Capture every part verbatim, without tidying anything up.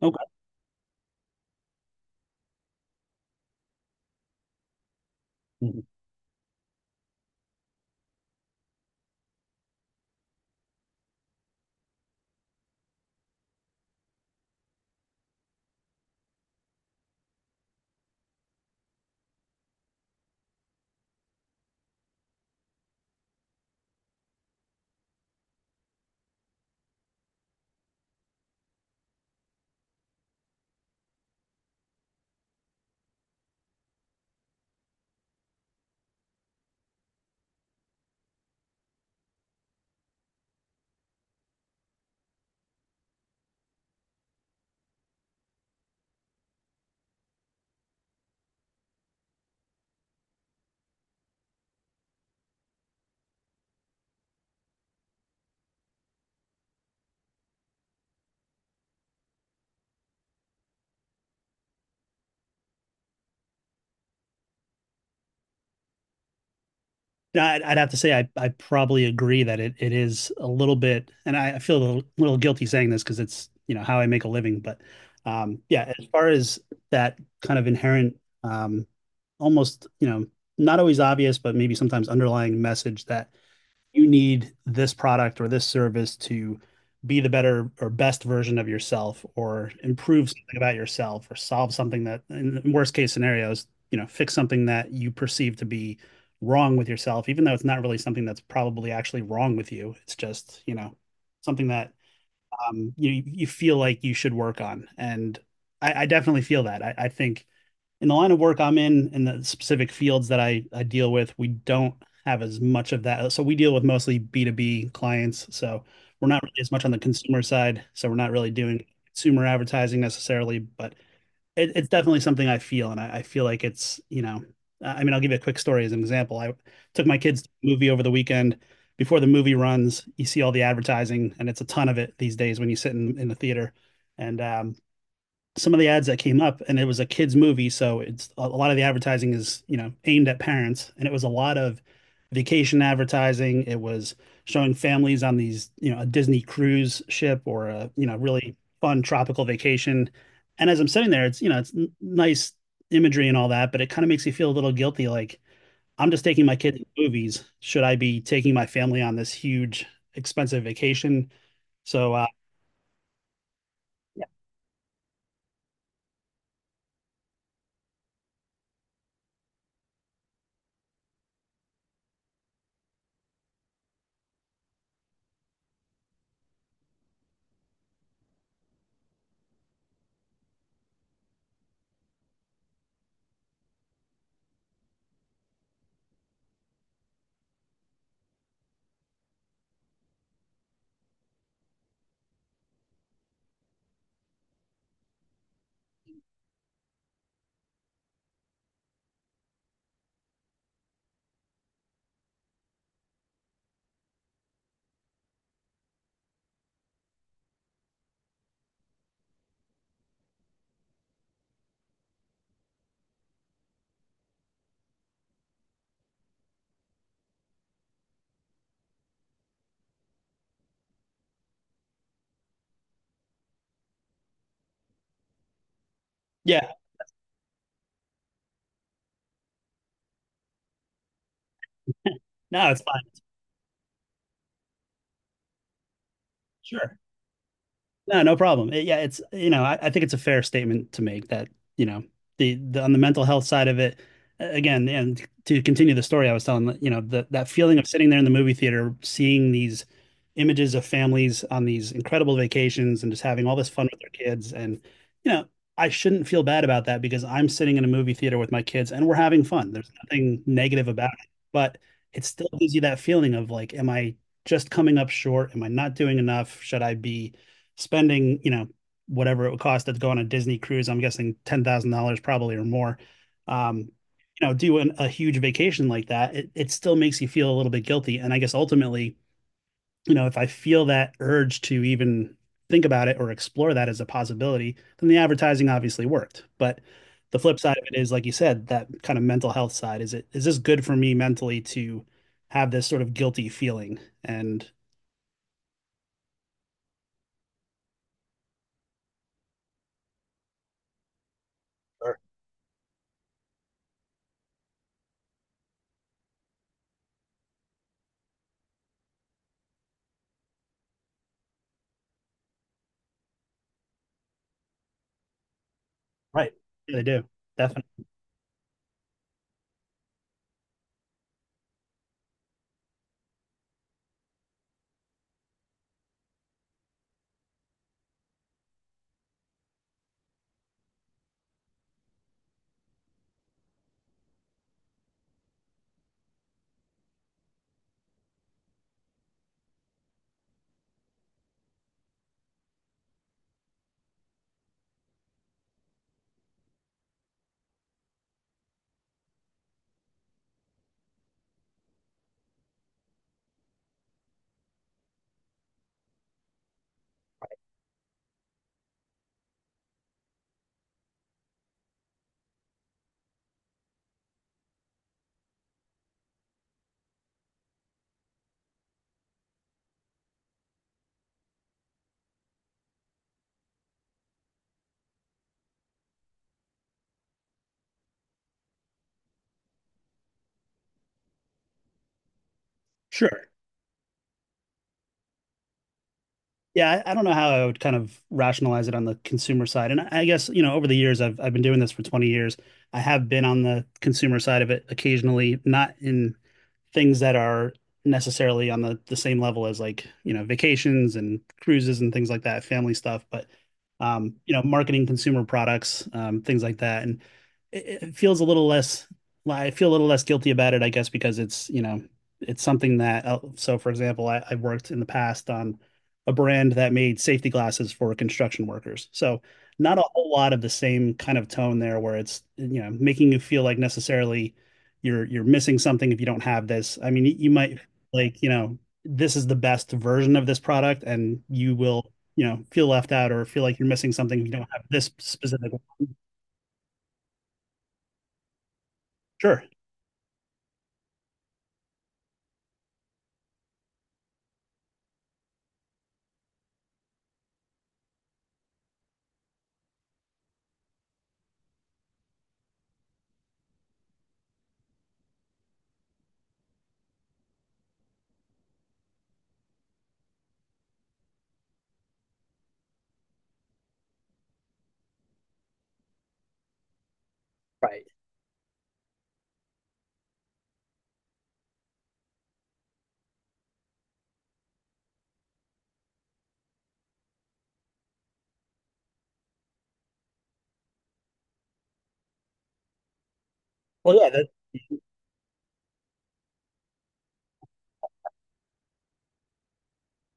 Okay. Mhm. I'd, I'd have to say I, I probably agree that it, it is a little bit, and I, I feel a little, little guilty saying this because it's, you know, how I make a living. But um, yeah, as far as that kind of inherent, um, almost, you know, not always obvious, but maybe sometimes underlying message that you need this product or this service to be the better or best version of yourself or improve something about yourself or solve something that in worst case scenarios, you know, fix something that you perceive to be wrong with yourself, even though it's not really something that's probably actually wrong with you, it's just, you know, something that um, you you feel like you should work on. And I, I definitely feel that. I, I think in the line of work I'm in, in the specific fields that I, I deal with, we don't have as much of that. So we deal with mostly B two B clients. So we're not really as much on the consumer side. So we're not really doing consumer advertising necessarily, but it, it's definitely something I feel. And I, I feel like it's, you know, I mean, I'll give you a quick story as an example. I took my kids to a movie over the weekend. Before the movie runs, you see all the advertising, and it's a ton of it these days when you sit in, in the theater. And um, some of the ads that came up, and it was a kids' movie, so it's a lot of the advertising is, you know, aimed at parents, and it was a lot of vacation advertising. It was showing families on these, you know, a Disney cruise ship or a, you know, really fun tropical vacation. And as I'm sitting there, it's, you know, it's n- nice imagery and all that, but it kind of makes you feel a little guilty, like I'm just taking my kid to the movies. Should I be taking my family on this huge, expensive vacation? So, uh, yeah, no, it's fine. Sure. No, no problem. It- yeah, it's, you know, I, I think it's a fair statement to make that, you know, the, the on the mental health side of it, a- again, and to continue the story I was telling, you know, the, that feeling of sitting there in the movie theater, seeing these images of families on these incredible vacations and just having all this fun with their kids. And, you know, I shouldn't feel bad about that because I'm sitting in a movie theater with my kids and we're having fun. There's nothing negative about it, but it still gives you that feeling of like, am I just coming up short? Am I not doing enough? Should I be spending, you know, whatever it would cost to go on a Disney cruise, I'm guessing ten thousand dollars probably or more. Um, you know, do an, a huge vacation like that, it, it still makes you feel a little bit guilty. And I guess ultimately, you know, if I feel that urge to even think about it or explore that as a possibility, then the advertising obviously worked. But the flip side of it is, like you said, that kind of mental health side. Is it, is this good for me mentally to have this sort of guilty feeling? And right, they do. Definitely. Sure. Yeah, I, I don't know how I would kind of rationalize it on the consumer side. And I, I guess, you know, over the years I've I've been doing this for twenty years. I have been on the consumer side of it occasionally, not in things that are necessarily on the the same level as, like, you know, vacations and cruises and things like that, family stuff, but um, you know, marketing consumer products, um, things like that. And it, it feels a little less, I feel a little less guilty about it, I guess, because it's, you know, it's something that, uh, so for example, I, I worked in the past on a brand that made safety glasses for construction workers. So not a whole lot of the same kind of tone there where it's, you know, making you feel like necessarily you're you're missing something if you don't have this. I mean, you might like, you know, this is the best version of this product and you will, you know, feel left out or feel like you're missing something if you don't have this specific one. Sure. Right. Well, yeah, that,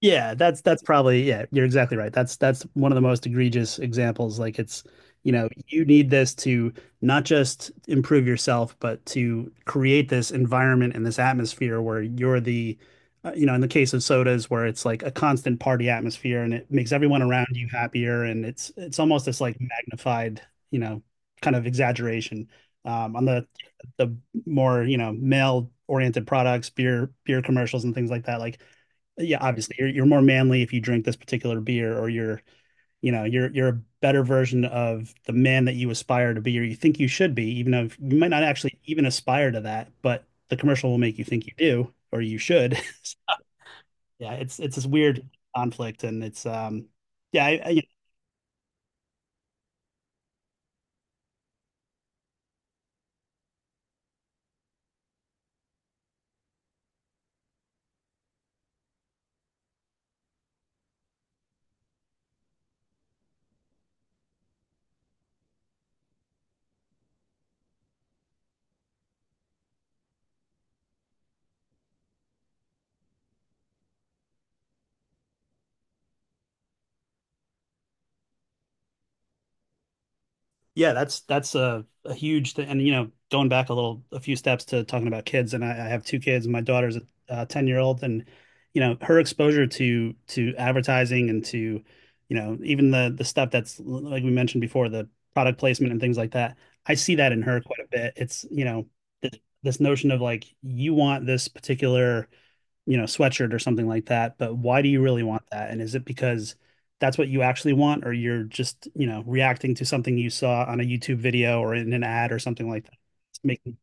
yeah, that's that's probably, yeah, you're exactly right. That's that's one of the most egregious examples. Like it's, you know, you need this to not just improve yourself, but to create this environment and this atmosphere where you're the, uh, you know, in the case of sodas where it's like a constant party atmosphere and it makes everyone around you happier and it's it's almost this like magnified, you know, kind of exaggeration. Um, on the the more, you know, male oriented products, beer beer commercials and things like that, like yeah, obviously you're you're more manly if you drink this particular beer, or you're, you know, you're you're a better version of the man that you aspire to be, or you think you should be, even though you might not actually even aspire to that, but the commercial will make you think you do or you should. Yeah, it's it's this weird conflict, and it's um yeah I, I- Yeah, that's that's a, a huge thing. And you know, going back a little, a few steps to talking about kids, and I, I have two kids, and my daughter's a uh, ten year old, and you know, her exposure to to advertising and to, you know, even the the stuff that's like we mentioned before, the product placement and things like that. I see that in her quite a bit. It's, you know, this, this notion of like you want this particular, you know, sweatshirt or something like that. But why do you really want that? And is it because that's what you actually want, or you're just, you know, reacting to something you saw on a YouTube video or in an ad or something like that? It's making,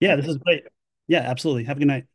yeah, this is great. Yeah, absolutely. Have a good night.